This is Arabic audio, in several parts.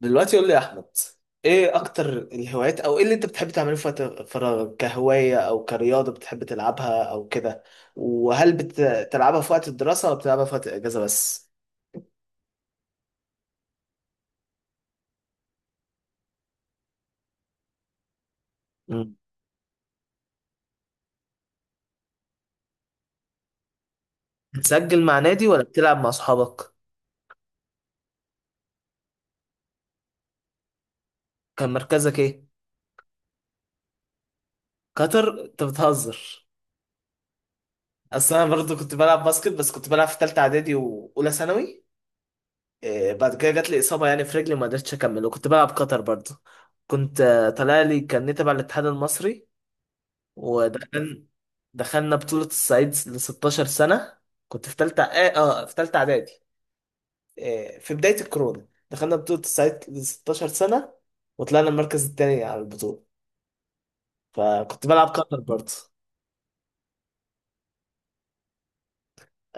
دلوقتي قول لي يا احمد، ايه اكتر الهوايات او ايه اللي انت بتحب تعمله في وقت فراغك؟ كهواية او كرياضة بتحب تلعبها او كده. وهل بتلعبها في وقت الدراسة ولا بتلعبها في وقت الاجازة بس؟ مم. بتسجل مع نادي ولا بتلعب مع اصحابك؟ كان مركزك ايه؟ قطر؟ انت بتهزر. اصل انا برضه كنت بلعب باسكت، بس كنت بلعب في تالتة اعدادي واولى ثانوي. إيه بعد كده جات لي اصابة يعني في رجلي، ما قدرتش اكمل. وكنت بلعب قطر برضه، كنت طالع لي، كان تبع الاتحاد المصري. ودخل دخلنا بطولة الصعيد ل 16 سنة. كنت في تالتة في تالتة إعدادي. في بداية الكورونا دخلنا بطولة الصعيد ل 16 سنة وطلعنا المركز التاني على البطولة. فكنت بلعب كتر برضه.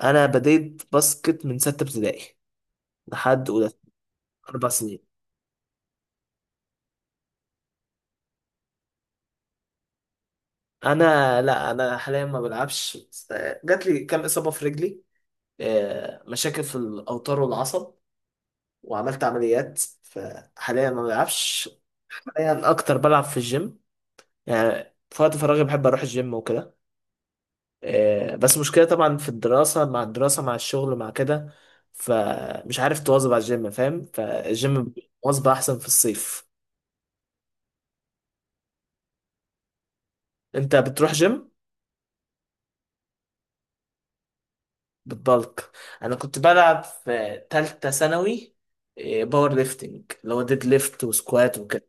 أنا بديت باسكت من ستة ابتدائي لحد أولى، أربع سنين. أنا لا، أنا حاليا ما بلعبش، بس، جات لي كام إصابة في رجلي، مشاكل في الأوتار والعصب، وعملت عمليات، فحاليا ما بلعبش. يعني اكتر بلعب في الجيم. يعني في وقت فراغي بحب اروح الجيم وكده. بس مشكلة طبعا في الدراسة، مع الدراسة مع الشغل مع كده، فمش عارف تواظب على الجيم، فاهم؟ فالجيم مواظبة احسن في الصيف. انت بتروح جيم؟ بتبلك؟ انا كنت بلعب في تالتة ثانوي باور ليفتنج اللي هو ديد ليفت وسكوات وكده.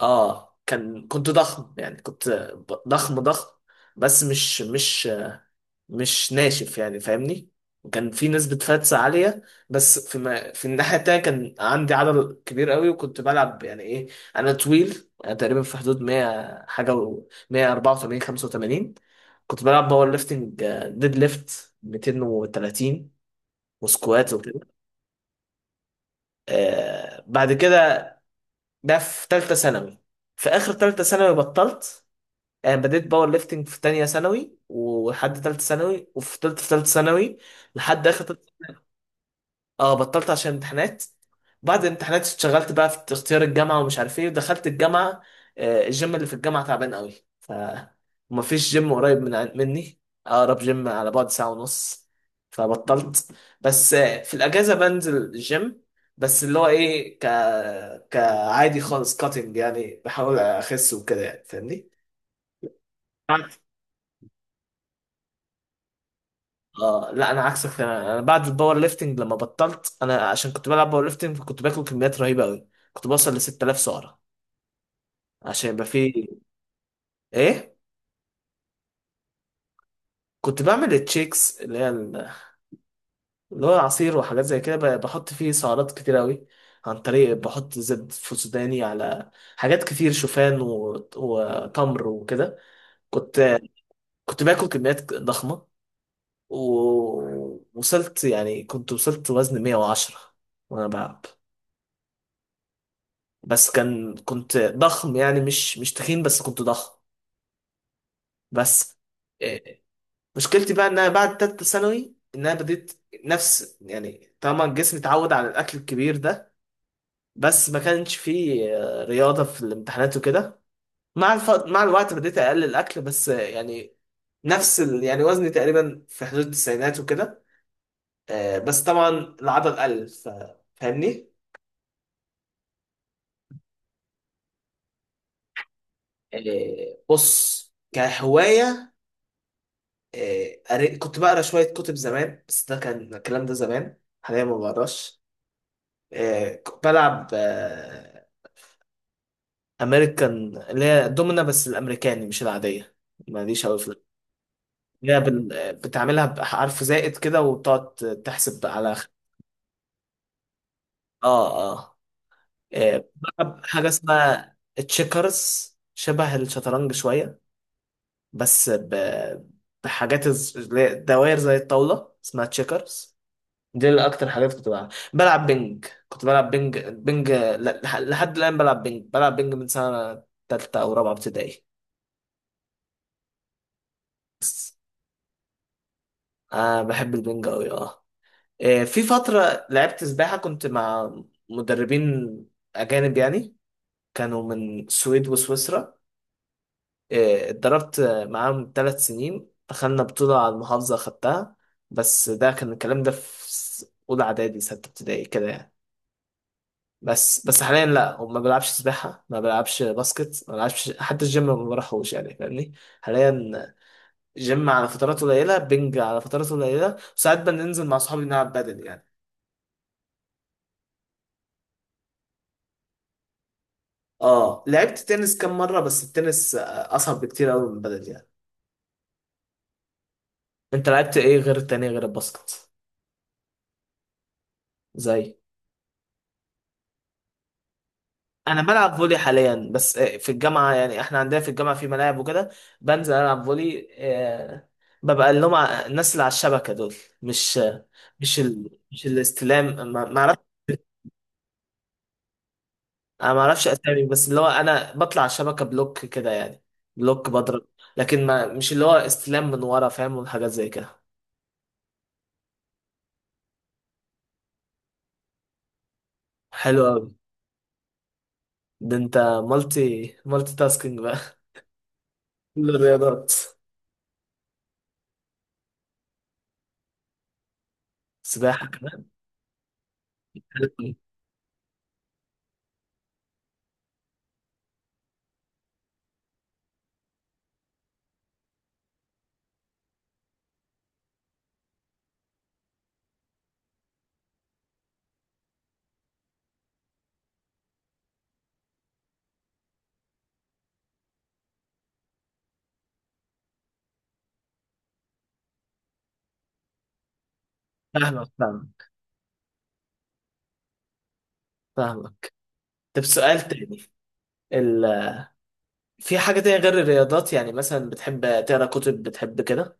اه كان كنت ضخم يعني، كنت ضخم ضخم، بس مش مش ناشف يعني، فاهمني؟ وكان في نسبة فاتس عالية، بس في، ما في الناحية التانية كان عندي عضل كبير قوي. وكنت بلعب يعني ايه، انا طويل، انا تقريبا في حدود 100 حاجة و 184 85. كنت بلعب باور ليفتنج، ديد ليفت 230 وسكوات وكده. آه بعد كده، ده في تالتة ثانوي. في اخر تالتة ثانوي بطلت. آه بديت باور ليفتنج في تانية ثانوي ولحد تالتة ثانوي، وفضلت في تالتة ثانوي لحد اخر. اه بطلت عشان امتحانات. بعد الامتحانات اشتغلت بقى في اختيار الجامعة ومش عارف ايه، ودخلت الجامعة. الجيم اللي في الجامعة تعبان قوي، فمفيش جيم قريب مني. أقرب جيم على بعد ساعة ونص، فبطلت. بس في الأجازة بنزل الجيم، بس اللي هو ايه، كعادي خالص، كاتنج يعني، بحاول أخس وكده يعني، فاهمني؟ اه لا انا عكسك، انا، أنا بعد الباور ليفتنج لما بطلت، انا عشان كنت بلعب باور ليفتنج كنت باكل كميات رهيبه قوي، كنت بوصل ل 6000 سعره عشان يبقى فيه ايه. كنت بعمل التشيكس اللي هو العصير وحاجات زي كده، بحط فيه سعرات كتير قوي. عن طريق بحط زبد فسوداني على حاجات كتير، شوفان وتمر وكده. كنت كنت باكل كميات ضخمه، ووصلت يعني، كنت وصلت وزن 110 وانا بلعب. بس كان كنت ضخم يعني، مش مش تخين، بس كنت ضخم. بس إيه، مشكلتي بقى ان انا بعد تالتة ثانوي ان انا بديت نفس يعني، طبعا الجسم اتعود على الاكل الكبير ده، بس ما كانش فيه رياضة في الامتحانات وكده. مع الوقت بديت اقلل الاكل، بس، يعني نفس ال... يعني وزني تقريبا في حدود التسعينات وكده. بس طبعا العضل قل ف... فاهمني؟ بص كهواية، كنت بقرا شوية كتب زمان، بس ده كان الكلام ده زمان، حاليا ما بقراش. كنت بلعب أمريكان اللي هي دومنا، بس الأمريكاني مش العادية، ماليش أوي في، اللي هي بتعملها بحرف زائد كده وبتقعد تحسب على آه. آه. بلعب حاجة اسمها تشيكرز، شبه الشطرنج شوية، بس ب- بحاجات اللي هي دوائر زي الطاولة، اسمها تشيكرز. دي اللي اكتر حاجات كنت بلعب. بلعب بينج، كنت بلعب بينج بينج لحد الان بلعب بينج. بلعب بينج من سنه تالتة او رابعه ابتدائي. بس آه بحب البينج قوي اه. في فتره لعبت سباحه، كنت مع مدربين اجانب يعني، كانوا من السويد وسويسرا. اتدربت معاهم ثلاث سنين، دخلنا بطوله على المحافظه خدتها. بس ده كان الكلام ده في اولى اعدادي سته ابتدائي كده يعني. بس حاليا لا، وما بلعبش سباحة، ما بلعبش باسكت، ما بلعبش حتى الجيم، ما بروحوش يعني، فاهمني؟ حاليا جيم على فترات قليلة، بنج على فترات قليلة، وساعات بننزل مع صحابي نلعب بدل يعني. اه لعبت تنس كام مرة، بس التنس أصعب بكتير أوي من بدل يعني. أنت لعبت إيه غير التانية غير الباسكت؟ زي انا بلعب فولي حاليا، بس في الجامعه، يعني احنا عندنا في الجامعه في ملاعب وكده، بنزل العب فولي. ببقى اللي هم الناس اللي على الشبكه دول، مش آه، مش ال... مش الاستلام. ما اعرفش. انا ما اعرفش اسامي، بس اللي هو انا بطلع على الشبكه، بلوك كده يعني، بلوك بضرب. لكن ما مش اللي هو استلام من ورا، فاهم؟ والحاجات زي كده. حلو قوي. ده انت مالتي مالتي تاسكينج بقى. كل الرياضات. سباحه كمان؟ حلو أوي. فاهمك فاهمك فاهمك. طب سؤال تاني، ال... في حاجة تانية غير الرياضات؟ يعني مثلا بتحب تقرا كتب؟ بتحب كده؟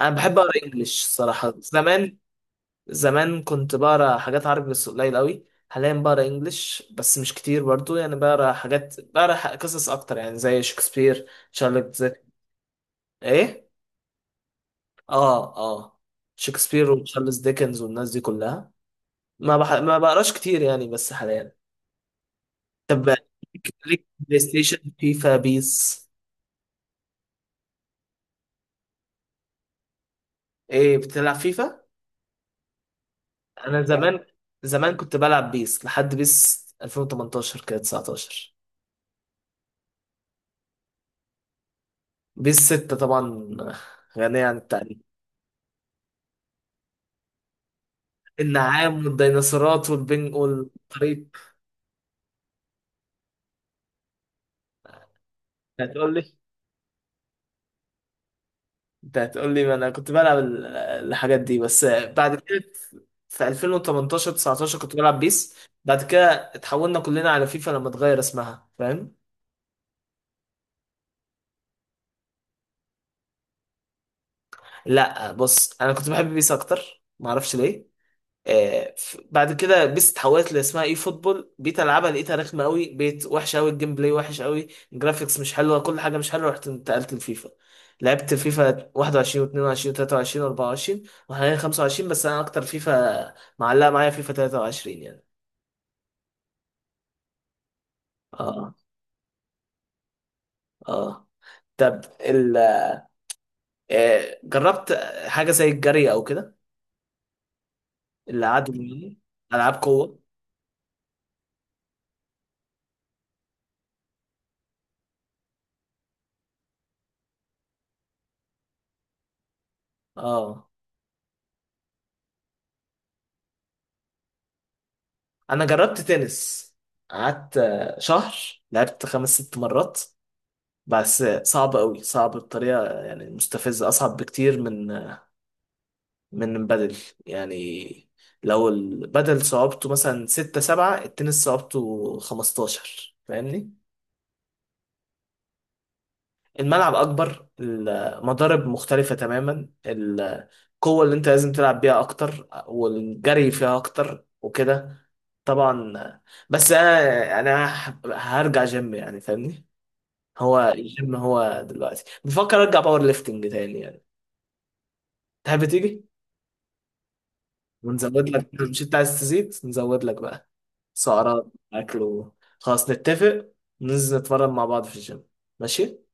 أنا بحب أقرا إنجليش الصراحة. زمان، زمان كنت بقرا حاجات عربي بس قليل قوي. حاليا بقرا إنجليش بس مش كتير برضو، يعني بقرا حاجات، بقرا قصص أكتر يعني، زي شكسبير، تشارلز ديكنز. إيه؟ آه آه، شكسبير وتشارلز ديكنز والناس دي كلها. ما بقراش كتير يعني، بس حاليا. طب ليك، ليك بلاي ستيشن؟ فيفا بيس؟ إيه بتلعب فيفا؟ انا زمان، زمان كنت بلعب بيس لحد بيس 2018 كده، 19. بيس 6 طبعا غنية عن التعريف. النعام والديناصورات والبنج والطريق. انت هتقول لي، انت هتقول لي ما انا كنت بلعب الحاجات دي. بس بعد كده في 2018، 19 كنت بلعب بيس. بعد كده اتحولنا كلنا على فيفا لما اتغير اسمها، فاهم؟ لا بص، انا كنت بحب بيس اكتر، معرفش ليه. بعد كده بيس اتحولت اللي اسمها اي فوتبول، بقيت العبها لقيتها رخمه قوي، بقيت وحشه قوي، الجيم بلاي وحش قوي، الجرافيكس مش حلوه، كل حاجه مش حلوه، رحت انتقلت لفيفا. لعبت فيفا 21 و22 و23 و24 وحاليا 25. بس انا اكتر فيفا معلقه معايا فيفا 23 يعني. اه اه. طب ال جربت حاجه زي الجري او كده؟ اللي قعدوا يعني، العاب قوه؟ اه انا جربت تنس، قعدت شهر، لعبت خمس ست مرات، بس صعب قوي، صعب بطريقة يعني مستفزة، أصعب بكتير من من بدل يعني. لو البدل صعوبته مثلا ستة سبعة، التنس صعوبته خمستاشر، فاهمني؟ الملعب أكبر، المضارب مختلفة تماما، القوة اللي أنت لازم تلعب بيها أكتر، والجري فيها أكتر وكده. طبعا. بس أنا يعني، أنا هرجع جيم يعني، فاهمني؟ هو الجيم، هو دلوقتي بفكر أرجع باور ليفتنج تاني يعني. تحب تيجي؟ ونزود لك، مش انت عايز تزيد؟ نزود لك بقى سعرات اكل و... خلاص نتفق، ننزل نتمرن مع بعض في الجيم. ماشي.